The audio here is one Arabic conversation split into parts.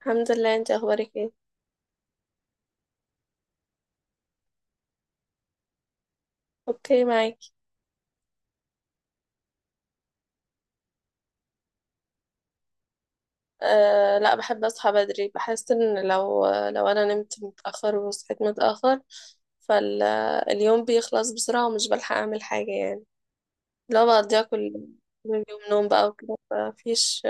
الحمد لله، انت اخبارك ايه؟ اوكي، معاكي. أه لا، بحب اصحى بدري. بحس ان لو انا نمت متاخر وصحيت متاخر فاليوم بيخلص بسرعه ومش بلحق اعمل حاجه يعني. لو بقضيها كل اليوم نوم بقى وكده فمفيش.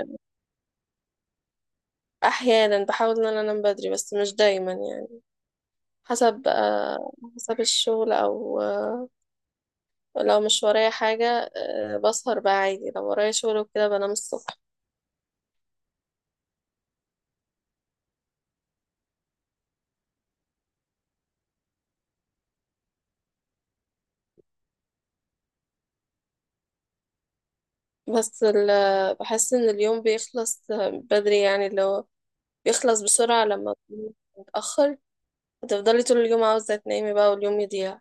احيانا بحاول ان انا انام بدري بس مش دايما يعني. حسب حسب الشغل او لو مش ورايا حاجه بسهر بقى عادي، لو ورايا شغل وكده بنام الصبح. بحس ان اليوم بيخلص بدري يعني، اللي هو بيخلص بسرعة لما تكوني متأخر. هتفضلي طول اليوم عاوزة تنامي بقى واليوم يضيع.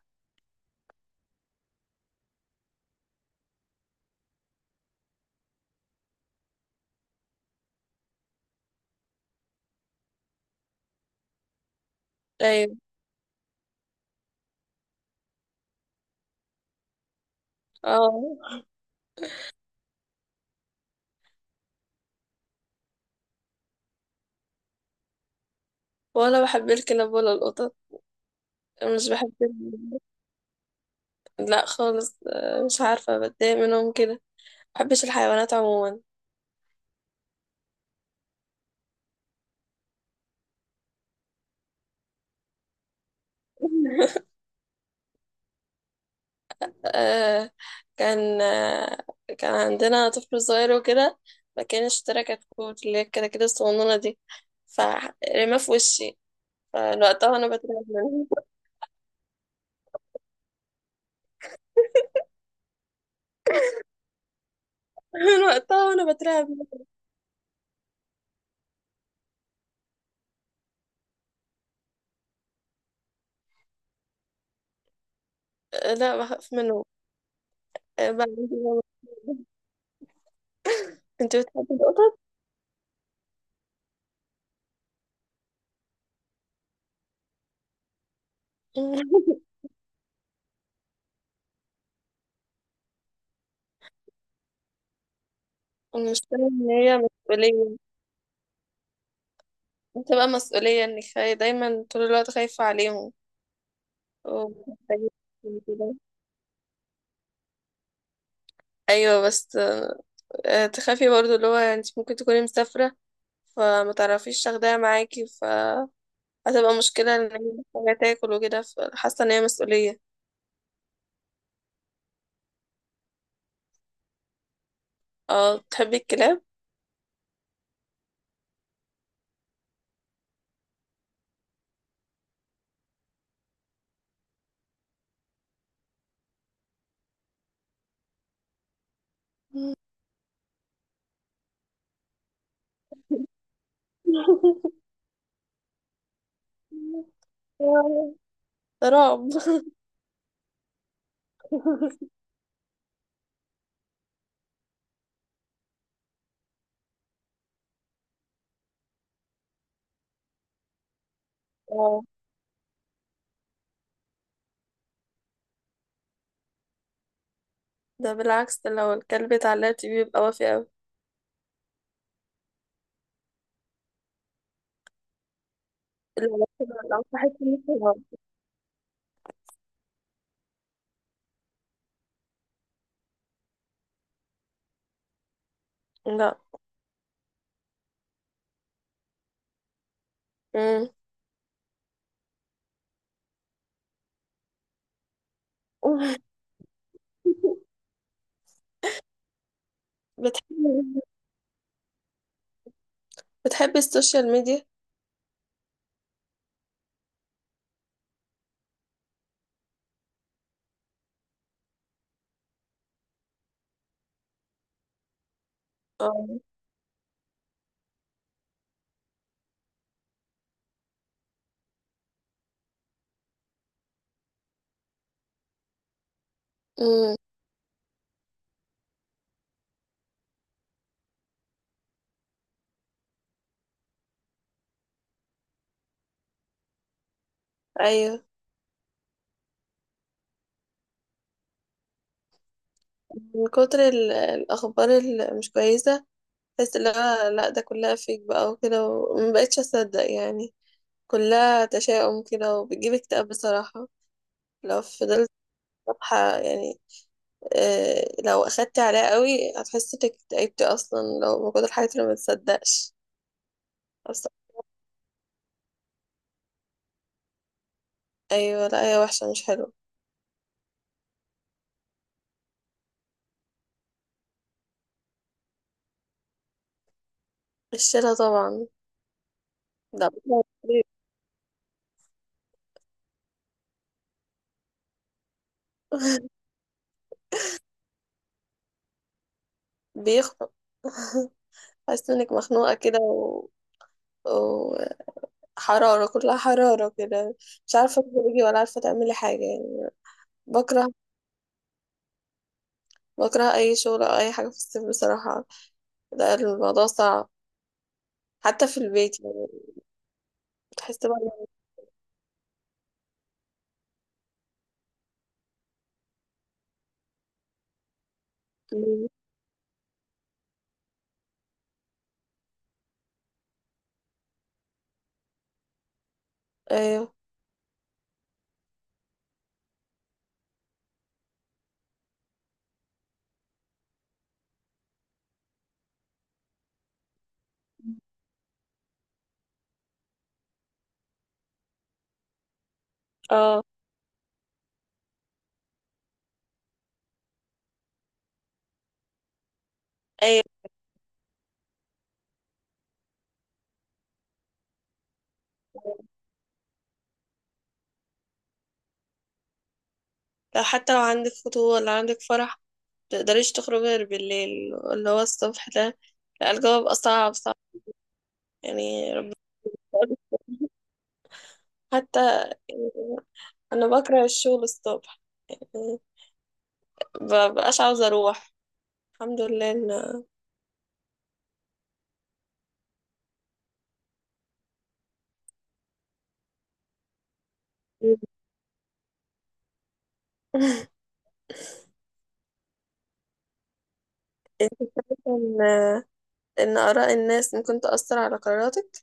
طيب. اه، ولا بحب الكلاب ولا القطط. مش بحب ال- لا خالص. آه، مش عارفة، بتضايق منهم كده. مبحبش الحيوانات عموما. آه، كان آه، كان عندنا طفل صغير وكده، فكان اشترى كتكوت، اللي هي الكتاكيت الصغنونة دي، فرماه في وشي. من وقتها وانا بترعب منه. من وقتها وانا بترعب منه. آه، لا بخاف منه. آه، انت بتحبي القطط؟ مش فاهم ان هي مسؤولية. بتبقى مسؤولية، دايما طول الوقت خايفة عليهم ومحتاجة كده. ايوه بس آه، تخافي برضو اللي هو انت ممكن تكوني مسافرة فما تعرفيش تاخديها معاكي، فهتبقى مشكلة ان هي محتاجة تاكل وكده، فحاسة ان هي مسؤولية. اه، تحبي الكلاب؟ رعب. آه. ده بالعكس، ده لو الكلب اتعلق فيه بيبقى وافي أوي. لو لو صحيت من النوم. لا. مم. بتحبي بتحبي السوشيال ميديا؟ اه. امم. ايوه. من كتر الاخبار اللي مش كويسه بحس اللي هو لا ده كلها فيك بقى وكده، وما بقتش اصدق يعني. كلها تشاؤم كده وبتجيب اكتئاب بصراحه. لو فضلت صفحه يعني، آه، لو اخدت عليها قوي هتحس انك اكتئبتي اصلا لو موجودة الحاجات اللي ما تصدقش اصلا. ايوه، لا هي وحشة، مش حلوة. الشيلة طبعا. لا. بيخنق. حاسة انك مخنوقة كده و... وحرارة، كلها حرارة كده. مش عارفة تخرجي ولا عارفة تعملي حاجة يعني. بكره، بكره أي شغل أو أي حاجة في الصيف بصراحة. ده الموضوع صعب حتى في البيت يعني. بتحس بقى إنك- أيوه. اه. أيوه، لو حتى لو عندك خطوبة ولا عندك فرح متقدريش تخرجي غير بالليل، اللي هو الصبح ده. لا الجو بقى صعب صعب. يعني ربنا يقول- حتى يعني أنا بكره الشغل الصبح يعني، مبقاش عاوزة أروح. الحمد لله إن إن إن آراء الناس ممكن تأثر على قراراتك.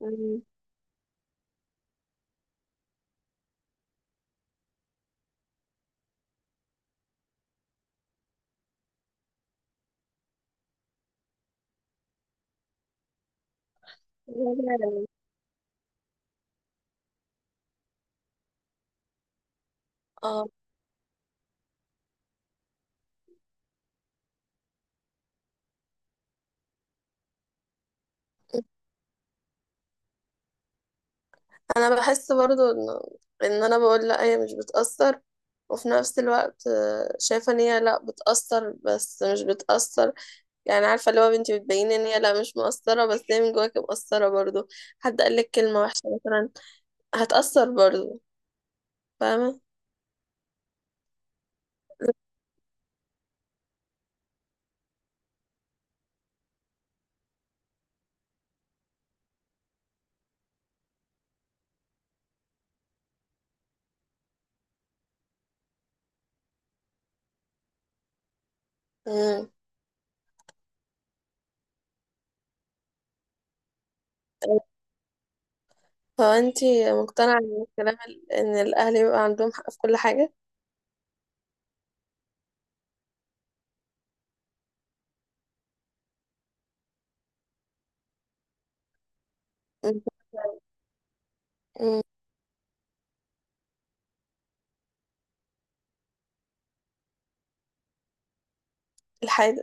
مم. اه أنا بحس برضو إن أنا بقول لأ هي مش بتأثر، وفي نفس الوقت آه، شايفة إن هي لأ بتأثر بس مش بتأثر. يعني عارفه اللي هو بنتي بتبين ان هي لا مش مقصره بس هي من جواك مقصره برضو. حد قال لك كلمه وحشه مثلا هتأثر برضو، فاهمه. امم. فانتي مقتنعه ان ان الاهل يبقى عندهم حق في كل حاجه. مم. مم. الحاجه.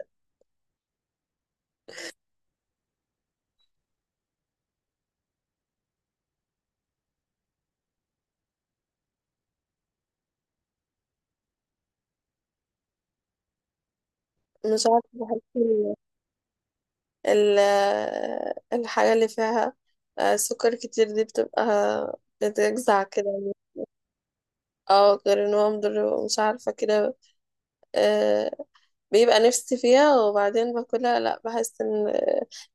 مش عارفه بحس ال- الحاجه اللي فيها آه، سكر كتير دي بتبقى بتجزع كده. اه، غير ان هو مضر، مش عارفه كده. آه، بيبقى نفسي فيها وبعدين باكلها، لا بحس ان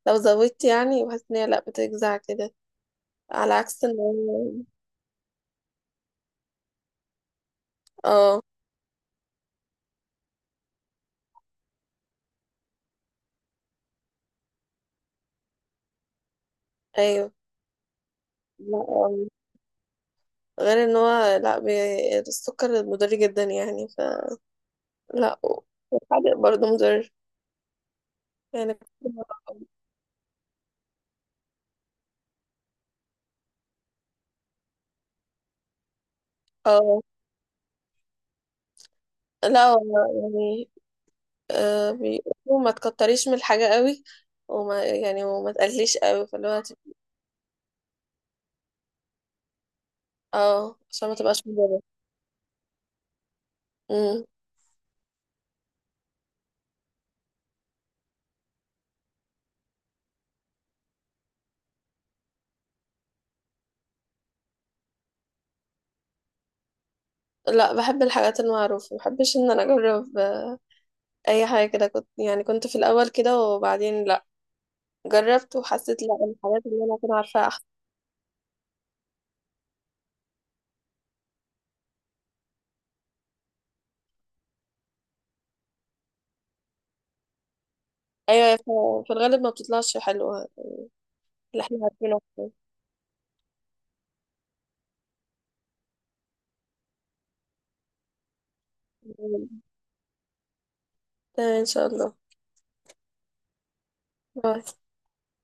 لو زودت يعني بحس ان هي لا بتجزع كده. على عكس ان هو اه. ايوه. لا آه. غير ان هو لا السكر مضر جدا يعني، فلا. والحادق برضه مضر يعني. اه لا هو يعني آه بيقولوا ما تكتريش من الحاجة قوي، وما تقليش قوي اه عشان ما تبقاش مضرة. امم. لا بحب الحاجات المعروفة، ما بحبش ان انا اجرب اي حاجه كده. كنت يعني كنت في الاول كده وبعدين لا، جربت وحسيت لا الحاجات اللي انا كنت عارفاها احسن. ايوه، في الغالب ما بتطلعش حلوه. اللي احنا عارفينه أحسن. تمام ان شاء الله. باي.